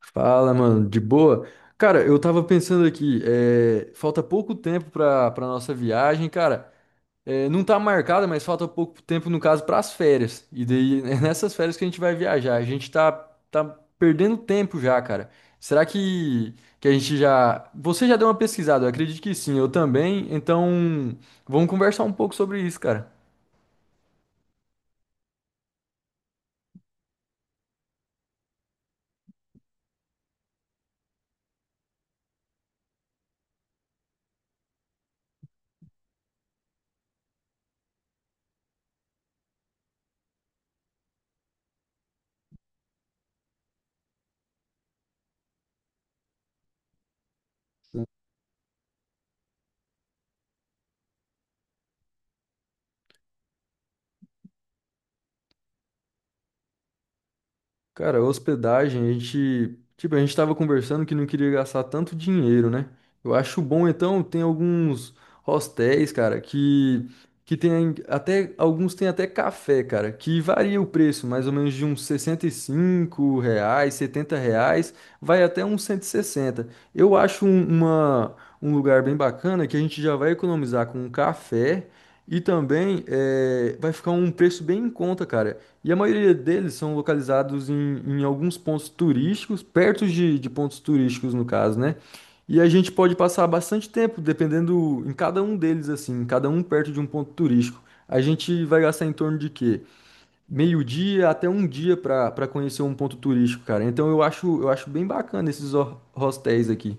Fala, mano, de boa? Cara, eu tava pensando aqui, falta pouco tempo pra nossa viagem, cara. Não tá marcada, mas falta pouco tempo, no caso, pras férias. E daí é nessas férias que a gente vai viajar. A gente tá perdendo tempo já, cara. Será que a gente já. Você já deu uma pesquisada? Eu acredito que sim, eu também. Então, vamos conversar um pouco sobre isso, cara. Cara, hospedagem, tipo, a gente tava conversando que não queria gastar tanto dinheiro, né? Eu acho bom então, tem alguns hostéis, cara, que tem até café, cara, que varia o preço, mais ou menos de uns 65 reais, 70 reais, vai até uns 160. Eu acho um lugar bem bacana que a gente já vai economizar com um café e também vai ficar um preço bem em conta, cara. E a maioria deles são localizados em alguns pontos turísticos, perto de pontos turísticos, no caso, né? E a gente pode passar bastante tempo, dependendo em cada um deles, assim, cada um perto de um ponto turístico. A gente vai gastar em torno de quê? Meio-dia até um dia para conhecer um ponto turístico, cara. Então eu acho bem bacana esses hostéis aqui.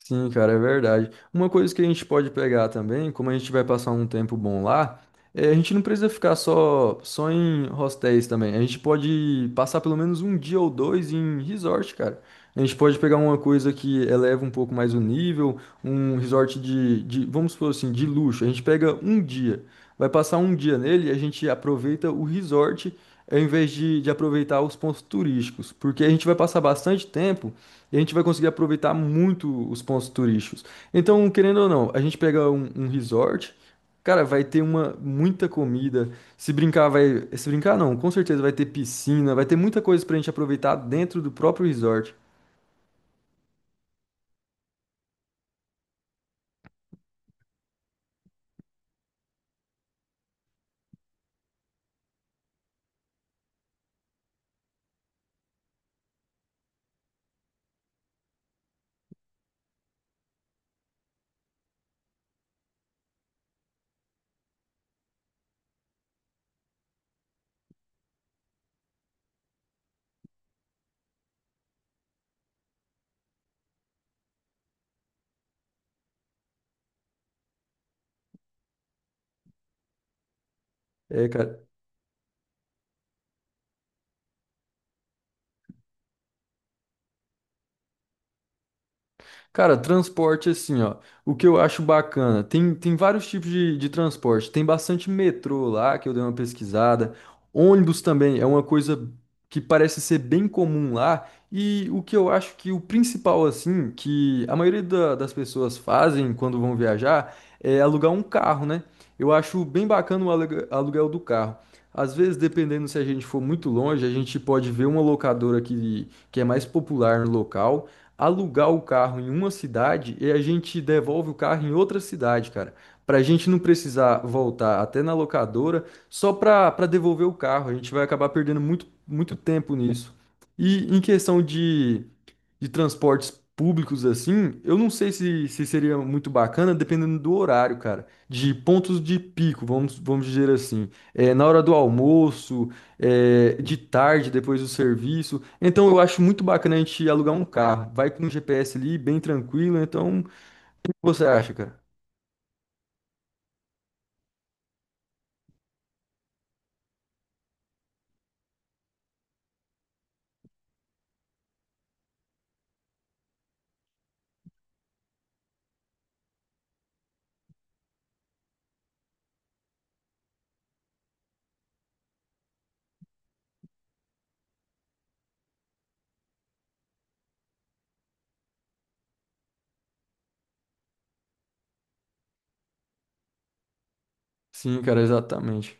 Sim, cara, é verdade. Uma coisa que a gente pode pegar também, como a gente vai passar um tempo bom lá, a gente não precisa ficar só em hostéis também. A gente pode passar pelo menos um dia ou dois em resort, cara. A gente pode pegar uma coisa que eleva um pouco mais o nível, um resort de, vamos supor assim, de luxo. A gente pega um dia, vai passar um dia nele e a gente aproveita o resort ao invés de aproveitar os pontos turísticos, porque a gente vai passar bastante tempo. E a gente vai conseguir aproveitar muito os pontos turísticos. Então, querendo ou não, a gente pega um resort, cara, vai ter uma muita comida. Se brincar, vai. Se brincar, não, com certeza vai ter piscina, vai ter muita coisa pra gente aproveitar dentro do próprio resort. É, cara. Cara, transporte assim, ó. O que eu acho bacana, tem vários tipos de transporte. Tem bastante metrô lá, que eu dei uma pesquisada. Ônibus também é uma coisa que parece ser bem comum lá. E o que eu acho que o principal, assim, que a maioria das pessoas fazem quando vão viajar é alugar um carro, né? Eu acho bem bacana o aluguel do carro. Às vezes, dependendo se a gente for muito longe, a gente pode ver uma locadora que é mais popular no local alugar o carro em uma cidade e a gente devolve o carro em outra cidade, cara. Pra gente não precisar voltar até na locadora só pra devolver o carro. A gente vai acabar perdendo muito, muito tempo nisso. E em questão de transportes públicos, assim, eu não sei se seria muito bacana, dependendo do horário, cara. De pontos de pico, vamos dizer assim. Na hora do almoço, de tarde, depois do serviço. Então eu acho muito bacana a gente alugar um carro. Vai com o GPS ali, bem tranquilo. Então, o que você acha, cara? Sim, cara, exatamente.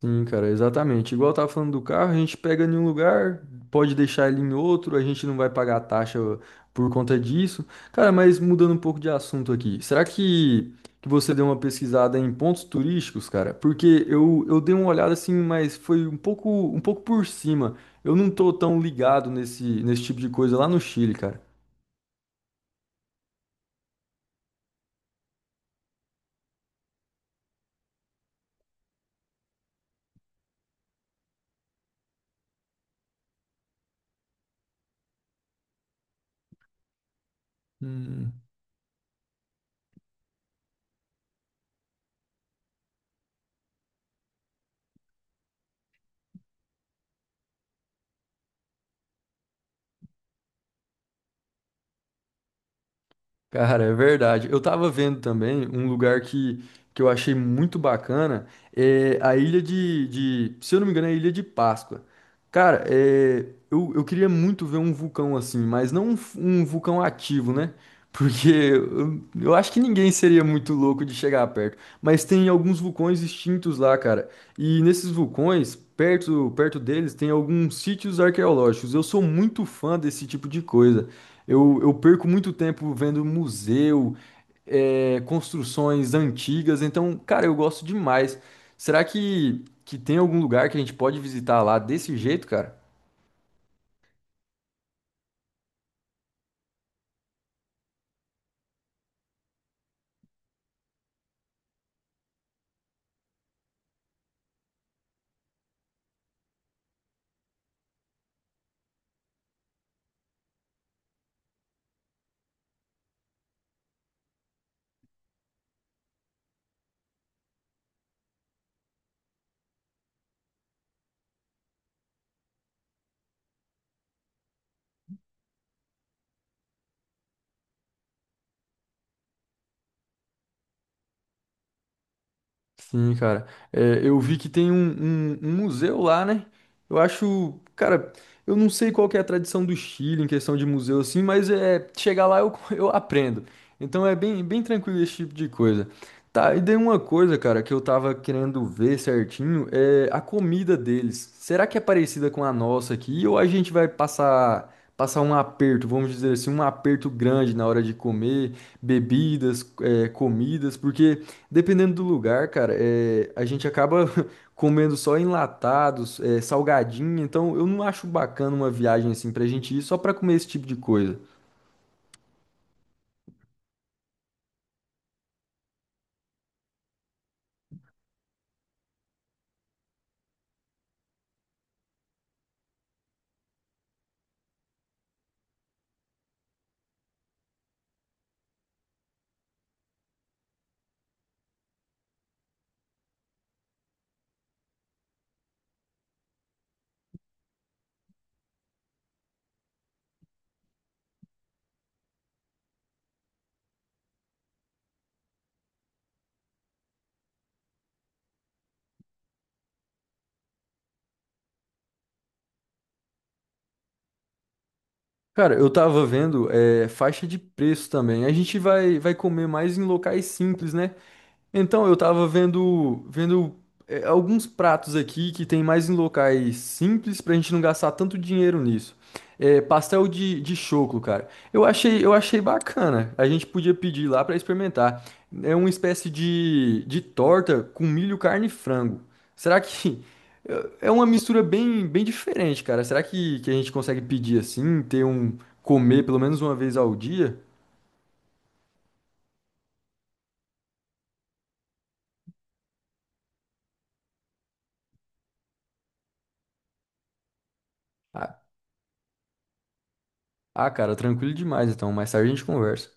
Sim, cara, exatamente. Igual eu tava falando do carro, a gente pega em um lugar, pode deixar ele em outro, a gente não vai pagar a taxa por conta disso. Cara, mas mudando um pouco de assunto aqui, será que você deu uma pesquisada em pontos turísticos, cara? Porque eu dei uma olhada assim, mas foi um pouco por cima. Eu não tô tão ligado nesse tipo de coisa lá no Chile, cara. Hum. Cara, é verdade. Eu tava vendo também um lugar que eu achei muito bacana, é a ilha de, se eu não me engano, é a Ilha de Páscoa. Cara, eu queria muito ver um vulcão assim, mas não um vulcão ativo, né? Porque eu acho que ninguém seria muito louco de chegar perto. Mas tem alguns vulcões extintos lá, cara. E nesses vulcões, perto deles, tem alguns sítios arqueológicos. Eu sou muito fã desse tipo de coisa. Eu perco muito tempo vendo museu, construções antigas. Então, cara, eu gosto demais. Será que tem algum lugar que a gente pode visitar lá desse jeito, cara? Sim, cara. Eu vi que tem um museu lá, né? Eu acho, cara, eu não sei qual que é a tradição do Chile em questão de museu assim, mas é chegar lá eu, eu aprendo. Então é bem, bem tranquilo esse tipo de coisa. Tá, e daí uma coisa, cara, que eu tava querendo ver certinho é a comida deles. Será que é parecida com a nossa aqui ou a gente vai passar um aperto, vamos dizer assim, um aperto grande na hora de comer, bebidas, comidas, porque dependendo do lugar, cara, a gente acaba comendo só enlatados, salgadinho, então eu não acho bacana uma viagem assim pra gente ir só pra comer esse tipo de coisa. Cara, eu tava vendo, faixa de preço também. A gente vai comer mais em locais simples, né? Então, eu tava vendo alguns pratos aqui que tem mais em locais simples pra gente não gastar tanto dinheiro nisso. Pastel de choclo, cara. Eu achei bacana. A gente podia pedir lá pra experimentar. É uma espécie de torta com milho, carne e frango. Será que é uma mistura bem, bem diferente, cara? Será que a gente consegue pedir assim, ter um comer pelo menos uma vez ao dia? Ah, ah, cara, tranquilo demais então. Mais tarde a gente conversa.